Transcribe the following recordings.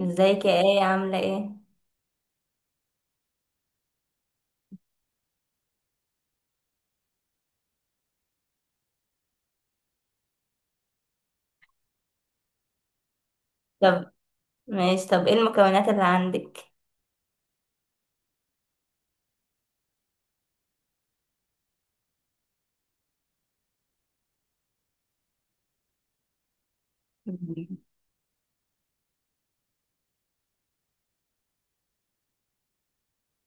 ازيك يا ايه؟ عاملة ايه؟ طب ماشي. طب ايه المكونات اللي عندك؟ مم.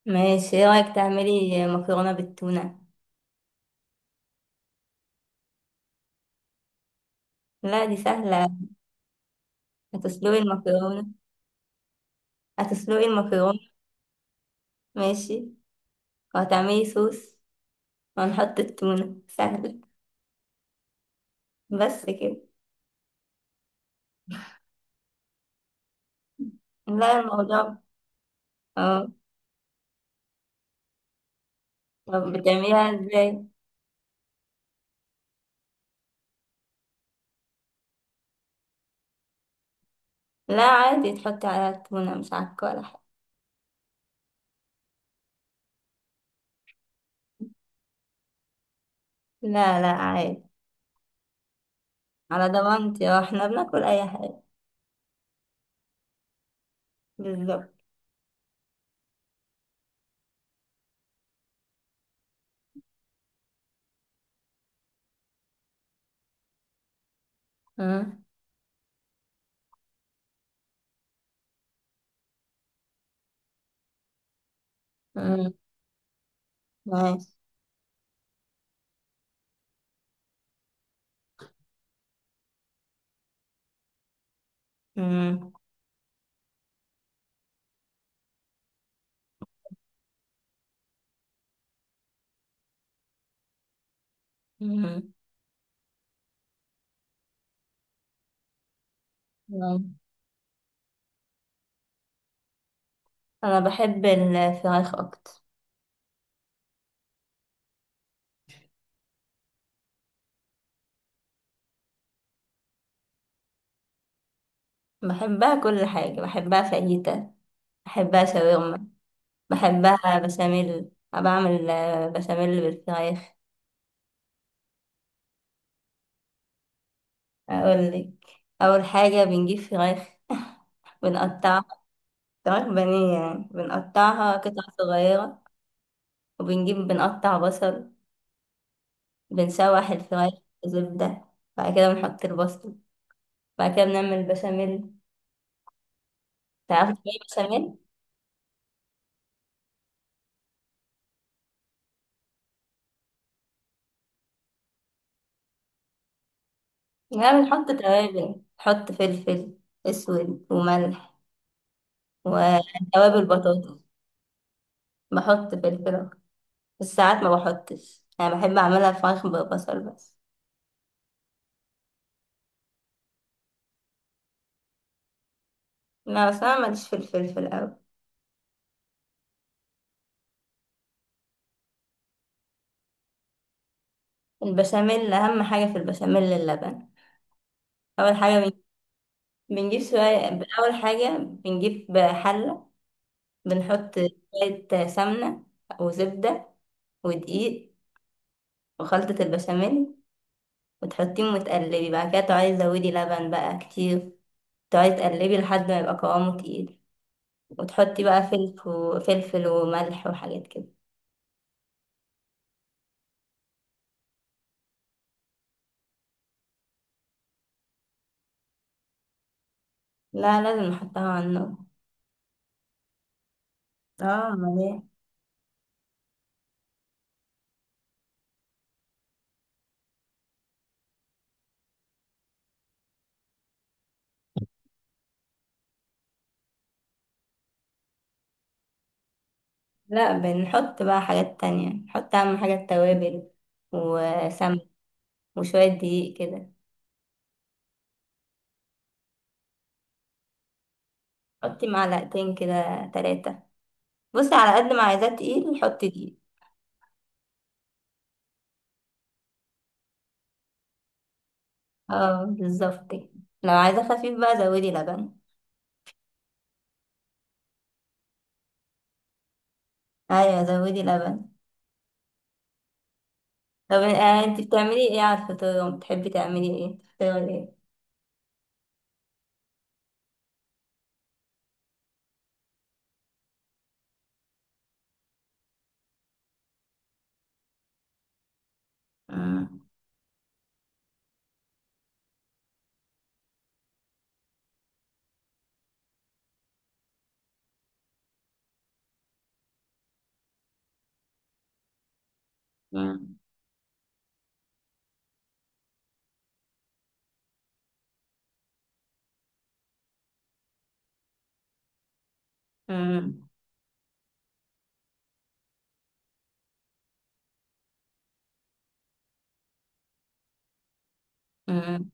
ماشي، ايه رأيك تعملي مكرونة بالتونة؟ لا دي سهلة. هتسلقي المكرونة. هتسلقي المكرونة. ماشي. وهتعملي صوص وهنحط التونة. سهلة. بس كده. لا الموضوع. اه. طب بتعمليها ازاي؟ لا عادي تحطي عليها التونة، مش عكة ولا حاجة. لا لا عادي. على ضمانتي اه، احنا بناكل اي حاجة. بالظبط. مم، مم، ماشي. مم. مم. مم. انا بحب الفراخ اكتر. بحبها كل حاجه، بحبها فاهيتا، بحبها شاورما، بحبها بشاميل. أنا بعمل بشاميل بالفراخ. اقول لك، اول حاجه بنجيب فراخ بنقطعها. فراخ بانيه، يعني بنقطعها قطع صغيره. وبنجيب بنقطع بصل. بنشوح الفراخ في زبده. بعد كده بنحط البصل. بعد كده بنعمل بشاميل. تعرفي تعملي بشاميل؟ لا بنحط توابل، بحط فلفل اسود وملح وتوابل بطاطس. بحط فلفل أخضر. بس ساعات ما بحطش، انا بحب اعملها فراخ ببصل بس. لا بس انا ماليش في الفلفل اوي. البشاميل، اهم حاجه في البشاميل اللبن. اول حاجه بنجيب شويه. اول حاجه بنجيب حله، بنحط شويه سمنه وزبده ودقيق وخلطه البشاميل، وتحطيهم وتقلبي. بعد كده تقعدي تزودي لبن بقى كتير. تقعدي تقلبي لحد ما يبقى قوامه تقيل. وتحطي بقى فلفل وفلفل وملح وحاجات كده. لا لازم نحطها على النار. اه. ليه؟ لا بنحط بقى حاجات تانية. نحط أهم حاجة التوابل وسمن وشوية دقيق كده. حطي معلقتين كده، تلاتة. بصي، على قد ما عايزاه تقيل حطي دقيق. اه بالظبط كده. لو عايزاه خفيف بقى زودي لبن. ايوه زودي لبن. طب انتي بتعملي ايه على الفطار؟ بتحبي تعملي ايه؟ فطار ايه؟ مم. مم. مم. مم.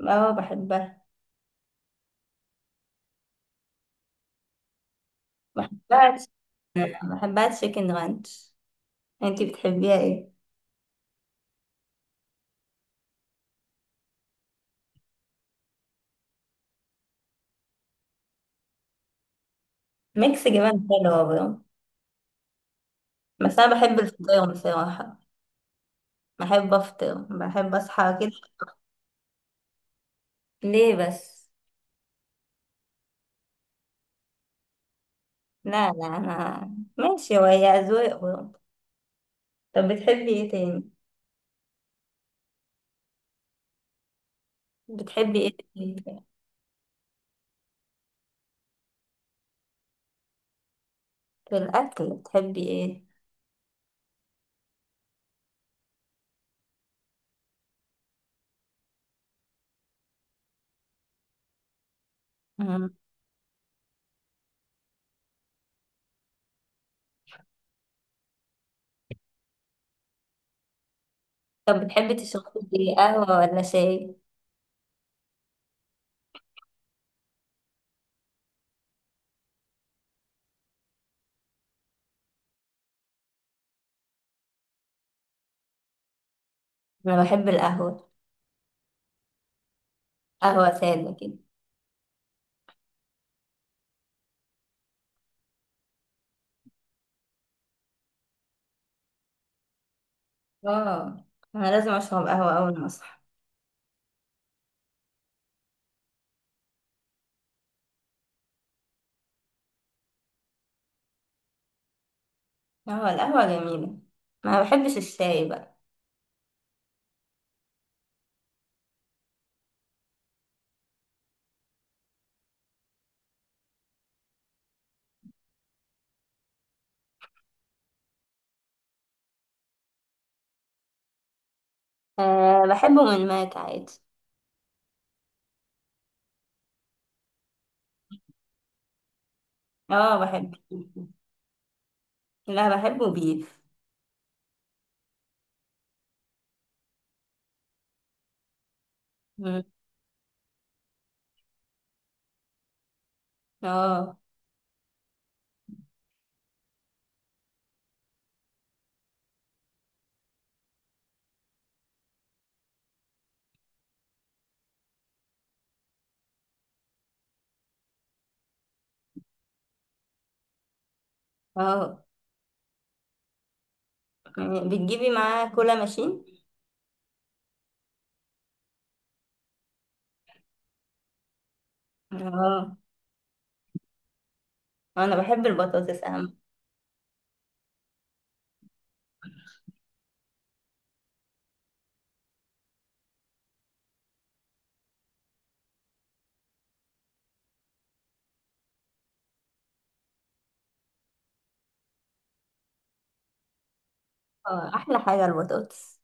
اه بحبها. بحبها بحبها تشيكن رانش. انتي بتحبيها ايه؟ ميكس جبن حلوة برضه، بس انا بحب الفطير بصراحة. بحب افطر، بحب اصحى كده. ليه بس؟ لا لا انا ماشي، وهي اذواق برضه. طب بتحبي ايه تاني؟ بتحبي ايه تاني؟ في الاكل بتحبي ايه؟ مم. طب بتحبي تشربي ايه، قهوة ولا شاي؟ انا بحب القهوة. قهوة سادة كده. اه، انا لازم اشرب قهوة اول ما. اه، القهوة جميلة. ما بحبش الشاي بقى. أه بحبه من ماك عادي. اه بحبه. لا بحبه بيف. مم. اه. اه، يعني بتجيبي معاه كولا ماشين؟ اه. انا بحب البطاطس اهم. اه احلى حاجة البطاطس.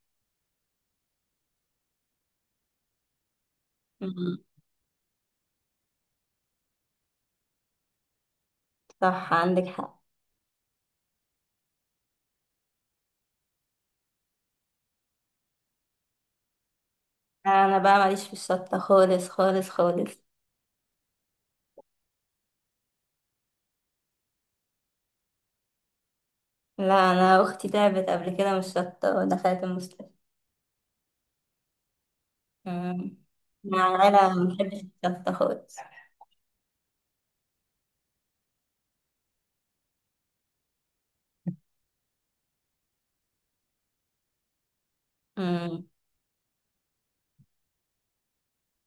مم. صح عندك حق. انا بقى ماليش في الشطة خالص خالص خالص. لا انا اختي تعبت قبل كده من الشطة ودخلت المستشفى. مم. مع العيلة ما بنحبش الشطة خالص. مم.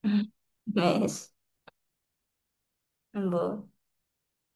ماشي. باي.